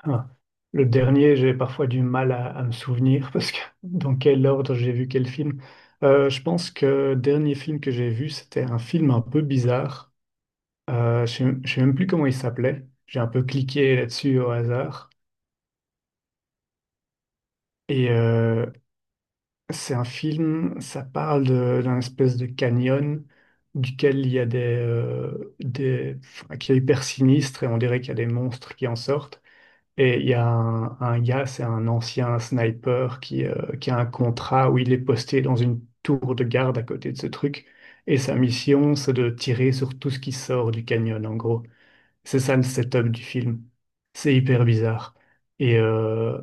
Ah, le dernier, j'ai parfois du mal à me souvenir parce que dans quel ordre j'ai vu quel film. Je pense que le dernier film que j'ai vu, c'était un film un peu bizarre. Je ne sais Je sais même plus comment il s'appelait. J'ai un peu cliqué là-dessus au hasard. Et euh, c'est un film, ça d'un espèce de canyon duquel il y a des, qui est hyper sinistre et on dirait qu'il y a des monstres qui en sortent. Et il y a un gars, c'est un ancien sniper qui a un contrat où il est posté dans une tour de garde à côté de ce truc. Et sa mission, c'est de tirer sur tout ce qui sort du canyon, en gros. C'est ça le setup du film. C'est hyper bizarre. Et, euh,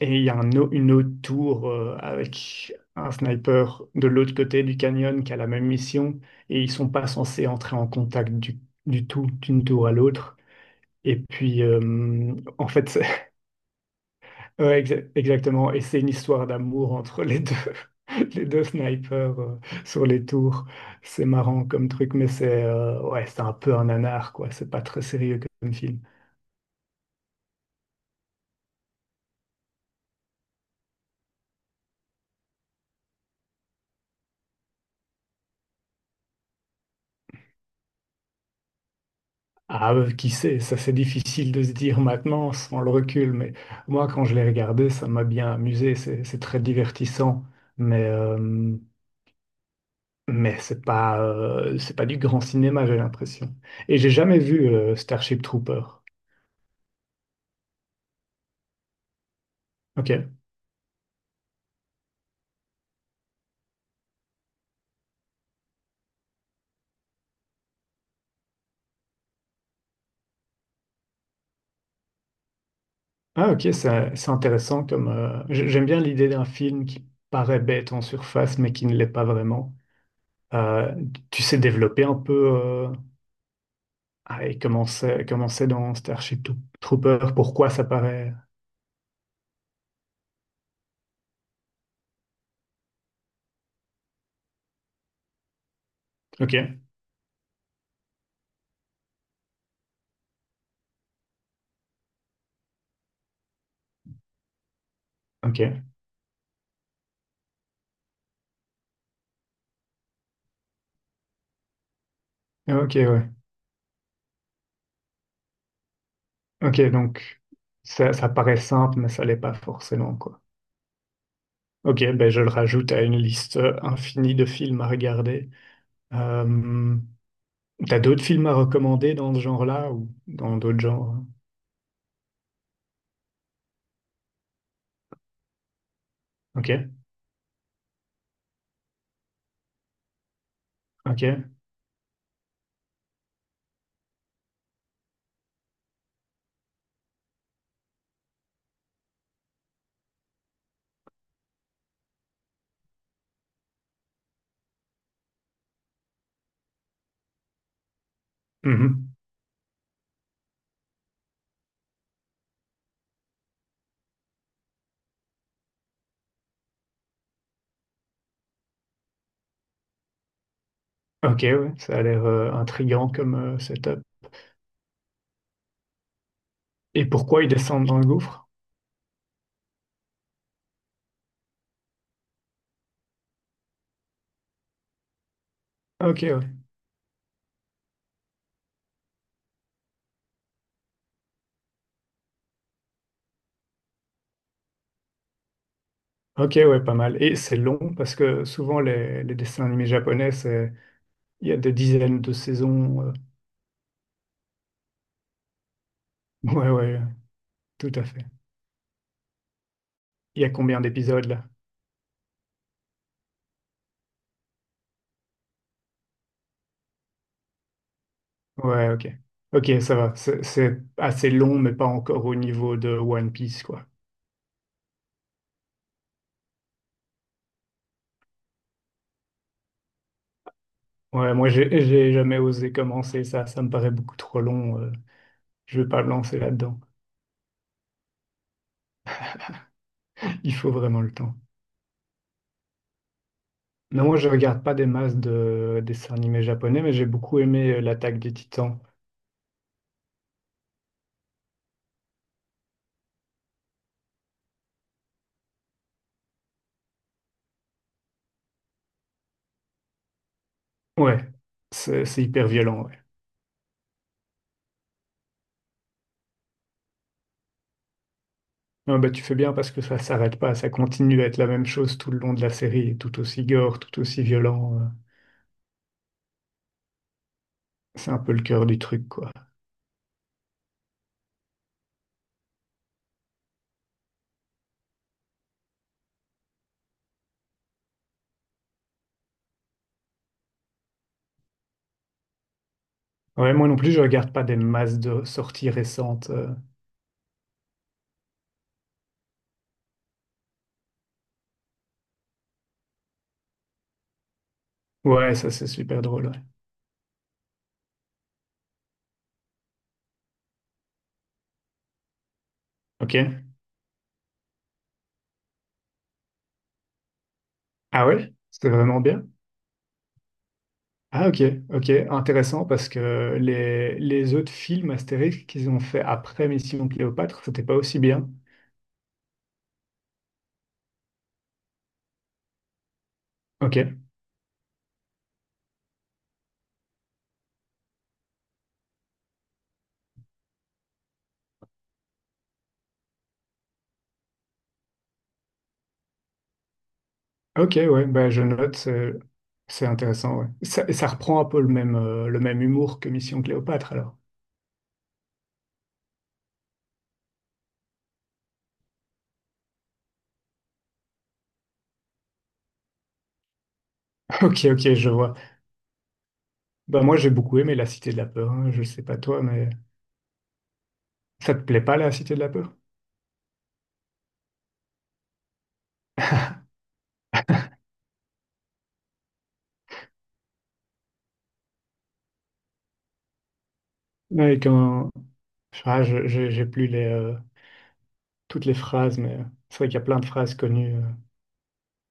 et il y a une autre tour avec un sniper de l'autre côté du canyon qui a la même mission. Et ils sont pas censés entrer en contact du tout, d'une tour à l'autre. Et puis, euh, en fait, Ouais, exactement. Et c'est une histoire d'amour entre les deux, les deux snipers sur les tours. C'est marrant comme truc, mais c'est un peu un nanar, quoi. C'est pas très sérieux comme film. Ah, qui sait, ça c'est difficile de se dire maintenant sans le recul, mais moi quand je l'ai regardé, ça m'a bien amusé. C'est très divertissant, mais euh, mais c'est pas du grand cinéma, j'ai l'impression. Et j'ai jamais vu Starship Trooper. Ok. Ah ok, c'est c'est intéressant comme j'aime bien l'idée d'un film qui paraît bête en surface mais qui ne l'est pas vraiment. Euh, tu sais développer un peu comment c'est dans Trooper, pourquoi ça paraît. Ok, ok, ok, ouais, ok donc ça paraît simple mais ça l'est pas forcément quoi. Ok, ben je le rajoute à une liste infinie de films à regarder. Euh, t'as d'autres films à recommander dans ce genre-là ou dans d'autres genres? Ok. Ok. Mhm. Ok, ouais, ça a l'air intriguant comme setup. Et pourquoi ils descendent dans le gouffre? Ok, ouais. Ok, ouais, pas mal. Et c'est long parce que souvent les dessins animés japonais, c'est il y a des dizaines de saisons. Ouais, ouais, tout à fait. Il y a combien d'épisodes là? Ouais, ok. Ok, ça va. C'est assez long, mais pas encore au niveau de One Piece, quoi. Ouais, moi j'ai jamais osé commencer ça. Ça me paraît beaucoup trop long. Je vais pas me lancer là-dedans. Il faut vraiment le temps. Non, moi je regarde pas des masses de dessins animés japonais, mais j'ai beaucoup aimé l'attaque des Titans. Ouais, c'est hyper violent. Ouais. Non, bah, tu fais bien parce que ça s'arrête pas, ça continue à être la même chose tout le long de la série, et tout aussi gore, tout aussi violent. C'est un peu le cœur du truc, quoi. Ouais, moi non plus, je regarde pas des masses de sorties récentes. Ouais, ça c'est super drôle. Ouais. Ok. Ah ouais? C'était vraiment bien? Ah ok, ok, intéressant parce que les autres films Astérix qu'ils ont fait après Mission Cléopâtre, c'était pas aussi bien. Ok, ok, ouais, bah je note, c'est intéressant, ouais. Ça reprend un peu le même humour que Mission Cléopâtre alors. Ok, ok, je vois. Bah moi j'ai beaucoup aimé La Cité de la Peur, hein, je sais pas toi, mais ça te plaît pas La Cité de la Peur? Ouais, quand... Ah, j'ai plus toutes les phrases, mais c'est vrai qu'il y a plein de phrases connues.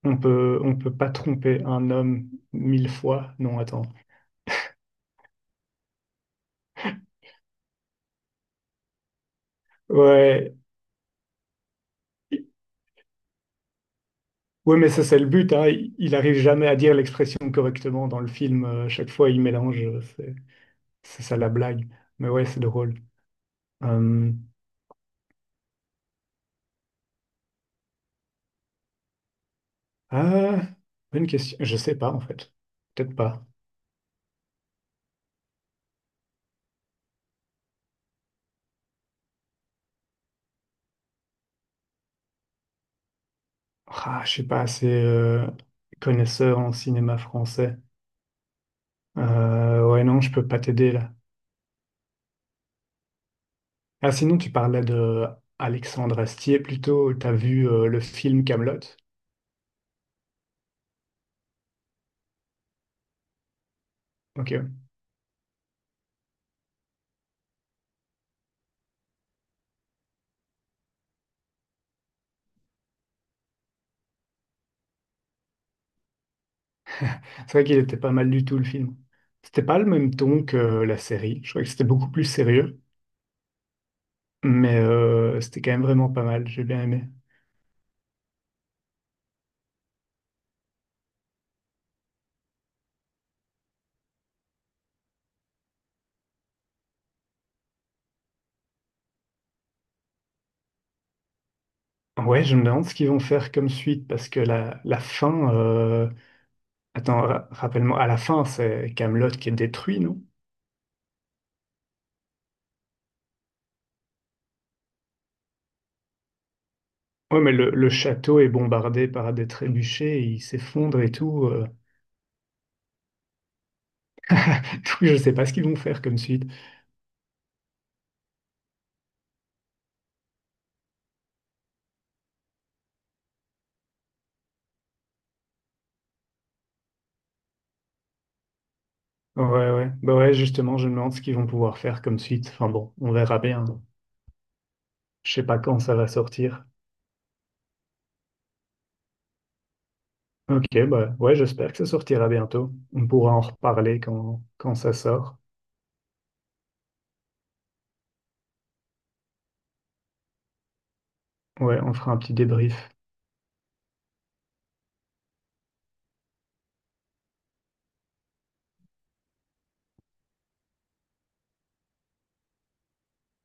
On peut pas tromper un homme mille fois. Non, attends. Ouais, ouais, mais ça c'est le but, hein. Il arrive jamais à dire l'expression correctement dans le film. Chaque fois, il mélange. C'est ça la blague. Mais ouais, c'est drôle. Euh, ah, Bonne question. Je sais pas en fait. Peut-être pas. Ah, je suis pas assez connaisseur en cinéma français. Ouais, non, je peux pas t'aider là. Ah, sinon, tu parlais de Alexandre Astier plutôt. T'as vu le film Camelot? Ok. C'est vrai qu'il était pas mal du tout le film. C'était pas le même ton que la série. Je crois que c'était beaucoup plus sérieux, mais c'était quand même vraiment pas mal. J'ai bien aimé. Ouais, je me demande ce qu'ils vont faire comme suite parce que la fin. Attends, rappelle-moi. À la fin, c'est Camelot qui est détruit, non? Ouais, mais le château est bombardé par des trébuchets, il s'effondre et tout. Donc, je sais pas ce qu'ils vont faire comme suite. Ouais, ouais. Bah ouais, justement, je me demande ce qu'ils vont pouvoir faire comme suite. Enfin bon, on verra bien. Je sais pas quand ça va sortir. Ok, bah ouais, j'espère que ça sortira bientôt. On pourra en reparler quand, quand ça sort. Ouais, on fera un petit débrief.